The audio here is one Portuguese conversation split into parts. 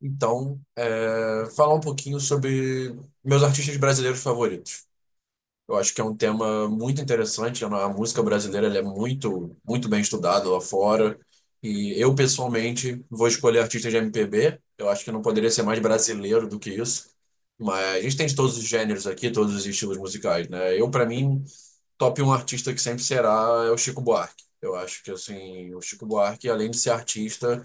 Então, falar um pouquinho sobre meus artistas brasileiros favoritos. Eu acho que é um tema muito interessante. A música brasileira ela é muito, muito bem estudada lá fora. E eu, pessoalmente, vou escolher artistas de MPB. Eu acho que não poderia ser mais brasileiro do que isso. Mas a gente tem de todos os gêneros aqui, todos os estilos musicais, né? Eu, para mim, top um artista que sempre será é o Chico Buarque. Eu acho que, assim, o Chico Buarque, além de ser artista,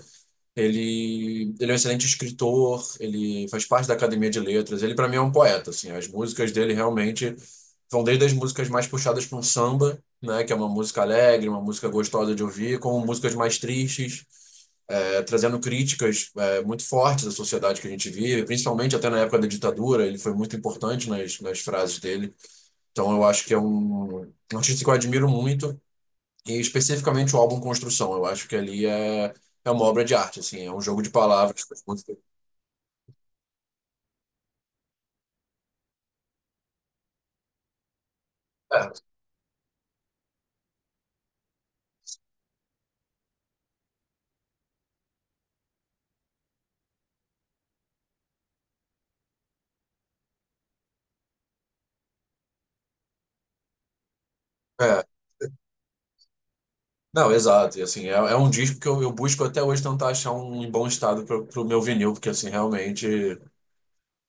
ele é um excelente escritor, ele faz parte da Academia de Letras, ele para mim é um poeta, assim, as músicas dele realmente vão desde as músicas mais puxadas para um samba, né, que é uma música alegre, uma música gostosa de ouvir, como músicas mais tristes, trazendo críticas muito fortes da sociedade que a gente vive, principalmente até na época da ditadura, ele foi muito importante nas frases dele. Então eu acho que é um artista que eu admiro muito e especificamente o álbum Construção, eu acho que ali é uma obra de arte, assim, é um jogo de palavras com as músicas. É, é. Não, exato, e assim, é um disco que eu busco até hoje tentar achar um em bom estado pro meu vinil, porque assim, realmente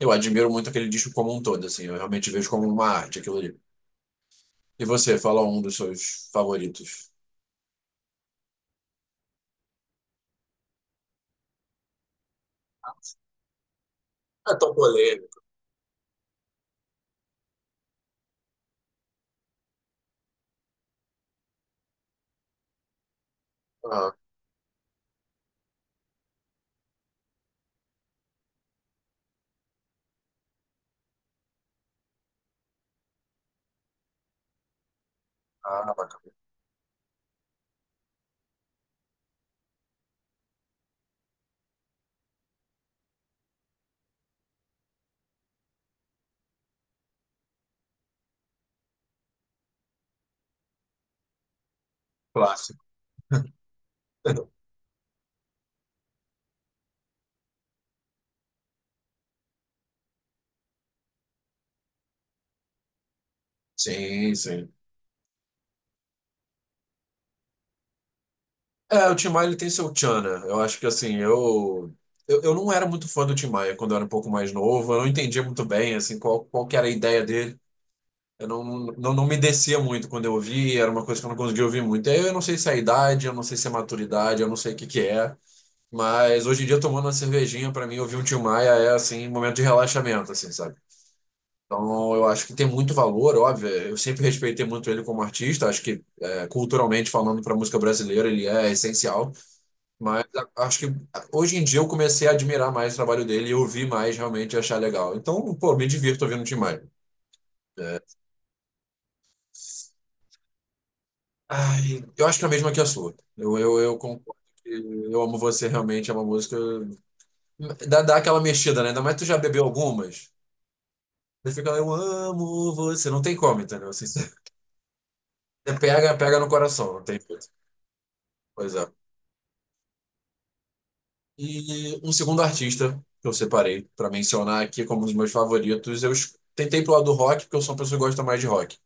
eu admiro muito aquele disco como um todo, assim, eu realmente vejo como uma arte aquilo ali. E você, fala um dos seus favoritos. É tão polêmico. Ah, ah, bacana. Clássico. Sim, sim. É, o Tim Maia ele tem seu tchan, né? Eu acho que assim, eu não era muito fã do Tim Maia quando eu era um pouco mais novo, eu não entendia muito bem assim qual que era a ideia dele. Eu não, não, não me descia muito quando eu ouvia, era uma coisa que eu não conseguia ouvir muito. E aí eu não sei se é a idade, eu não sei se é a maturidade, eu não sei o que que é, mas hoje em dia tomando uma cervejinha pra mim ouvir um Tim Maia é assim, um momento de relaxamento assim, sabe? Então, eu acho que tem muito valor, óbvio. Eu sempre respeitei muito ele como artista. Acho que, culturalmente falando, para a música brasileira, ele é essencial. Mas acho que hoje em dia eu comecei a admirar mais o trabalho dele e ouvir mais realmente e achar legal. Então, pô, me divirto ouvindo o Tim Maia. Ai, eu acho que é a mesma que a sua. Eu concordo que Eu Amo Você realmente é uma música. Dá aquela mexida, né? Ainda mais tu já bebeu algumas. Você fica, lá, eu amo você. Não tem como, entendeu? Assim, você pega, pega no coração, não tem jeito. Pois é. E um segundo artista que eu separei pra mencionar aqui como um dos meus favoritos. Eu tentei pro lado do rock, porque eu sou uma pessoa que gosta mais de rock.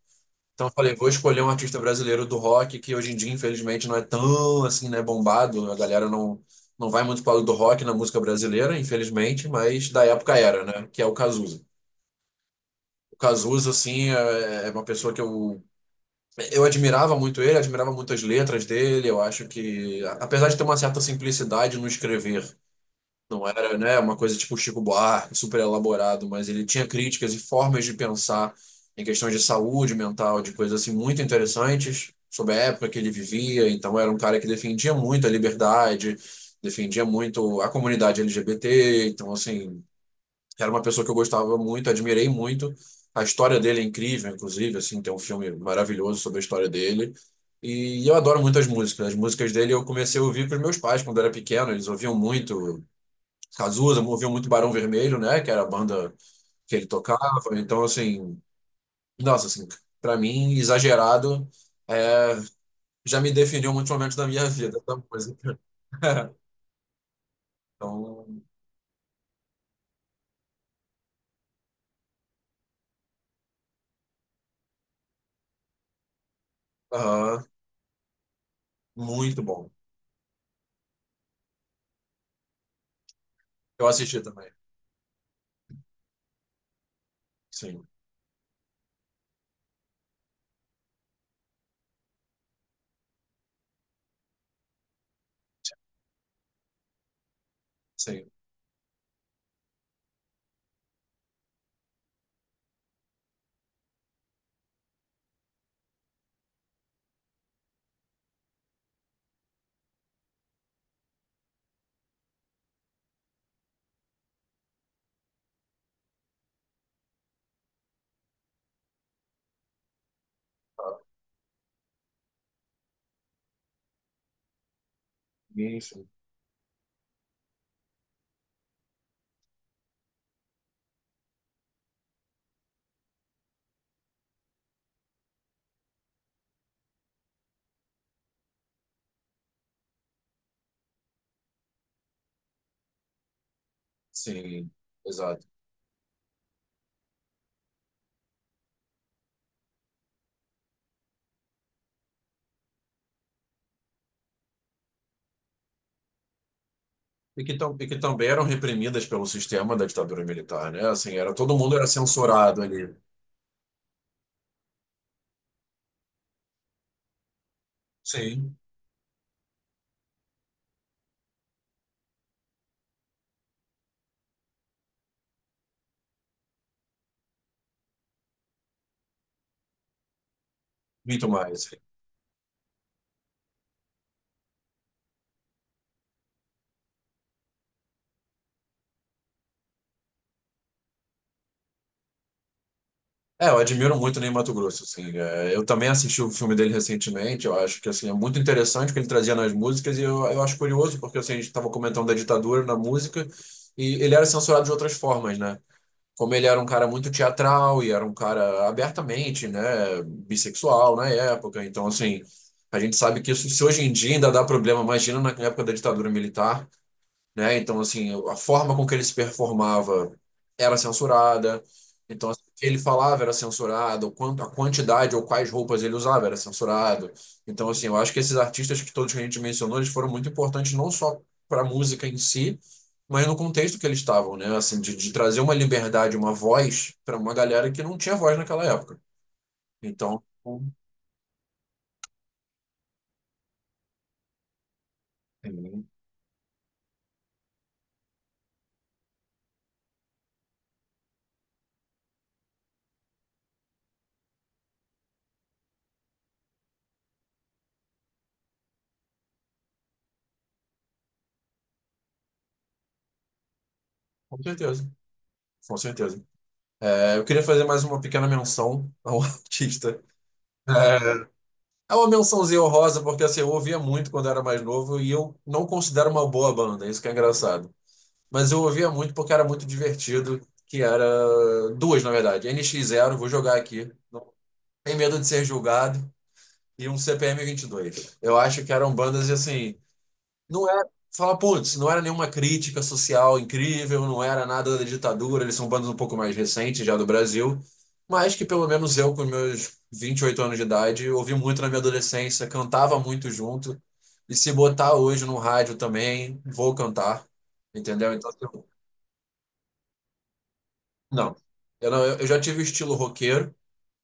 Então eu falei, vou escolher um artista brasileiro do rock, que hoje em dia, infelizmente, não é tão assim, né, bombado. A galera não vai muito para o lado do rock na música brasileira, infelizmente, mas da época era, né? Que é o Cazuza. O Cazuza, assim, é uma pessoa que eu admirava muito ele, admirava muito as letras dele. Eu acho que, apesar de ter uma certa simplicidade no escrever, não era, né, uma coisa tipo Chico Buarque, super elaborado, mas ele tinha críticas e formas de pensar em questões de saúde mental, de coisas assim muito interessantes sobre a época que ele vivia. Então era um cara que defendia muito a liberdade, defendia muito a comunidade LGBT. Então assim, era uma pessoa que eu gostava muito, admirei muito. A história dele é incrível, inclusive, assim, tem um filme maravilhoso sobre a história dele. E eu adoro muito as músicas. As músicas dele eu comecei a ouvir com os meus pais quando era pequeno, eles ouviam muito Cazuza movia muito Barão Vermelho, né? Que era a banda que ele tocava. Então, assim, nossa, assim, pra mim, exagerado, é, já me definiu muitos momentos da minha vida, essa música. Então, aham, muito bom. Eu assisti também. Sim, sim. Ah, isso, sim, exato. E que também eram reprimidas pelo sistema da ditadura militar, né? Assim, era, todo mundo era censurado ali. Sim, muito mais. É, eu admiro muito o Ney Matogrosso, assim. É, eu também assisti o filme dele recentemente, eu acho que, assim, é muito interessante o que ele trazia nas músicas e eu acho curioso, porque, assim, a gente estava comentando da ditadura na música e ele era censurado de outras formas, né? Como ele era um cara muito teatral e era um cara abertamente, né, bissexual na época, então, assim, a gente sabe que isso, se hoje em dia ainda dá problema, imagina na época da ditadura militar, né? Então, assim, a forma com que ele se performava era censurada. Então, assim, o que ele falava era censurado, o quanto, a quantidade ou quais roupas ele usava era censurado. Então, assim, eu acho que esses artistas que todos que a gente mencionou, eles foram muito importantes não só para a música em si, mas no contexto que eles estavam, né? Assim, de trazer uma liberdade, uma voz para uma galera que não tinha voz naquela época. Então, com certeza, com certeza. É, eu queria fazer mais uma pequena menção ao artista. É. É uma mençãozinha honrosa, porque assim, eu ouvia muito quando era mais novo e eu não considero uma boa banda, isso que é engraçado. Mas eu ouvia muito porque era muito divertido, que era duas, na verdade. N X Zero, vou jogar aqui, não tem medo de ser julgado, e um CPM 2 Eu acho que eram bandas assim, não era, fala, putz, não era nenhuma crítica social incrível, não era nada da ditadura, eles são bandos um pouco mais recentes já do Brasil, mas que pelo menos eu, com meus 28 anos de idade, ouvi muito na minha adolescência, cantava muito junto, e se botar hoje no rádio também, vou cantar, entendeu? Então, assim, não. Eu não, eu já tive o estilo roqueiro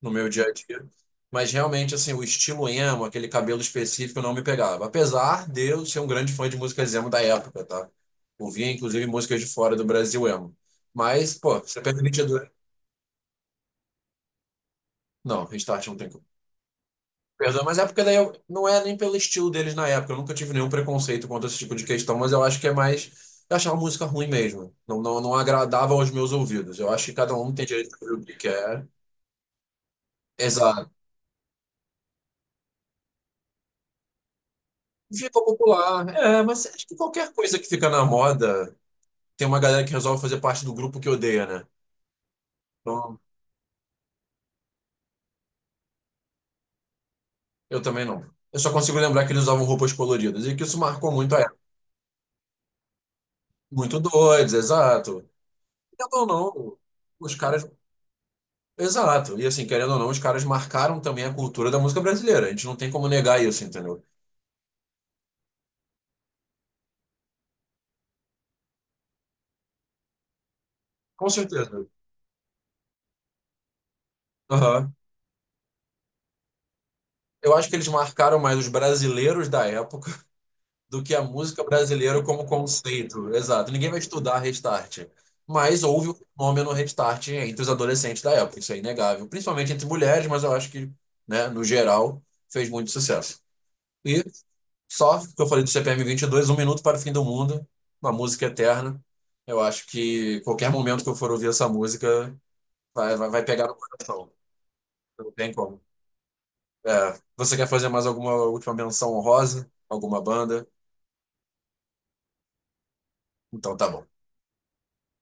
no meu dia a dia, mas realmente assim, o estilo emo, aquele cabelo específico não me pegava. Apesar de eu ser um grande fã de músicas emo da época, tá? Ouvia inclusive músicas de fora do Brasil emo. Mas, pô, você perde 22. Não, Restart não tem como. Perdão, mas é porque daí eu, não é nem pelo estilo deles na época. Eu nunca tive nenhum preconceito contra esse tipo de questão, mas eu acho que é mais. Eu achava a música ruim mesmo. Não, não, não agradava aos meus ouvidos. Eu acho que cada um tem direito de ouvir o que quer. Exato. Fica popular. É, mas acho que qualquer coisa que fica na moda, tem uma galera que resolve fazer parte do grupo que odeia, né? Então, eu também não. Eu só consigo lembrar que eles usavam roupas coloridas e que isso marcou muito a época. Muito doidos, exato. Querendo ou não, os caras. Exato. E assim, querendo ou não, os caras marcaram também a cultura da música brasileira. A gente não tem como negar isso, entendeu? Com certeza. Aham. Eu acho que eles marcaram mais os brasileiros da época do que a música brasileira como conceito. Exato. Ninguém vai estudar Restart. Mas houve o fenômeno Restart entre os adolescentes da época, isso é inegável. Principalmente entre mulheres, mas eu acho que, né, no geral, fez muito sucesso. E só que eu falei do CPM 22, Um Minuto para o Fim do Mundo, uma música eterna. Eu acho que qualquer momento que eu for ouvir essa música, vai pegar no coração. Não tem como. É, você quer fazer mais alguma última menção honrosa? Alguma banda? Então tá bom.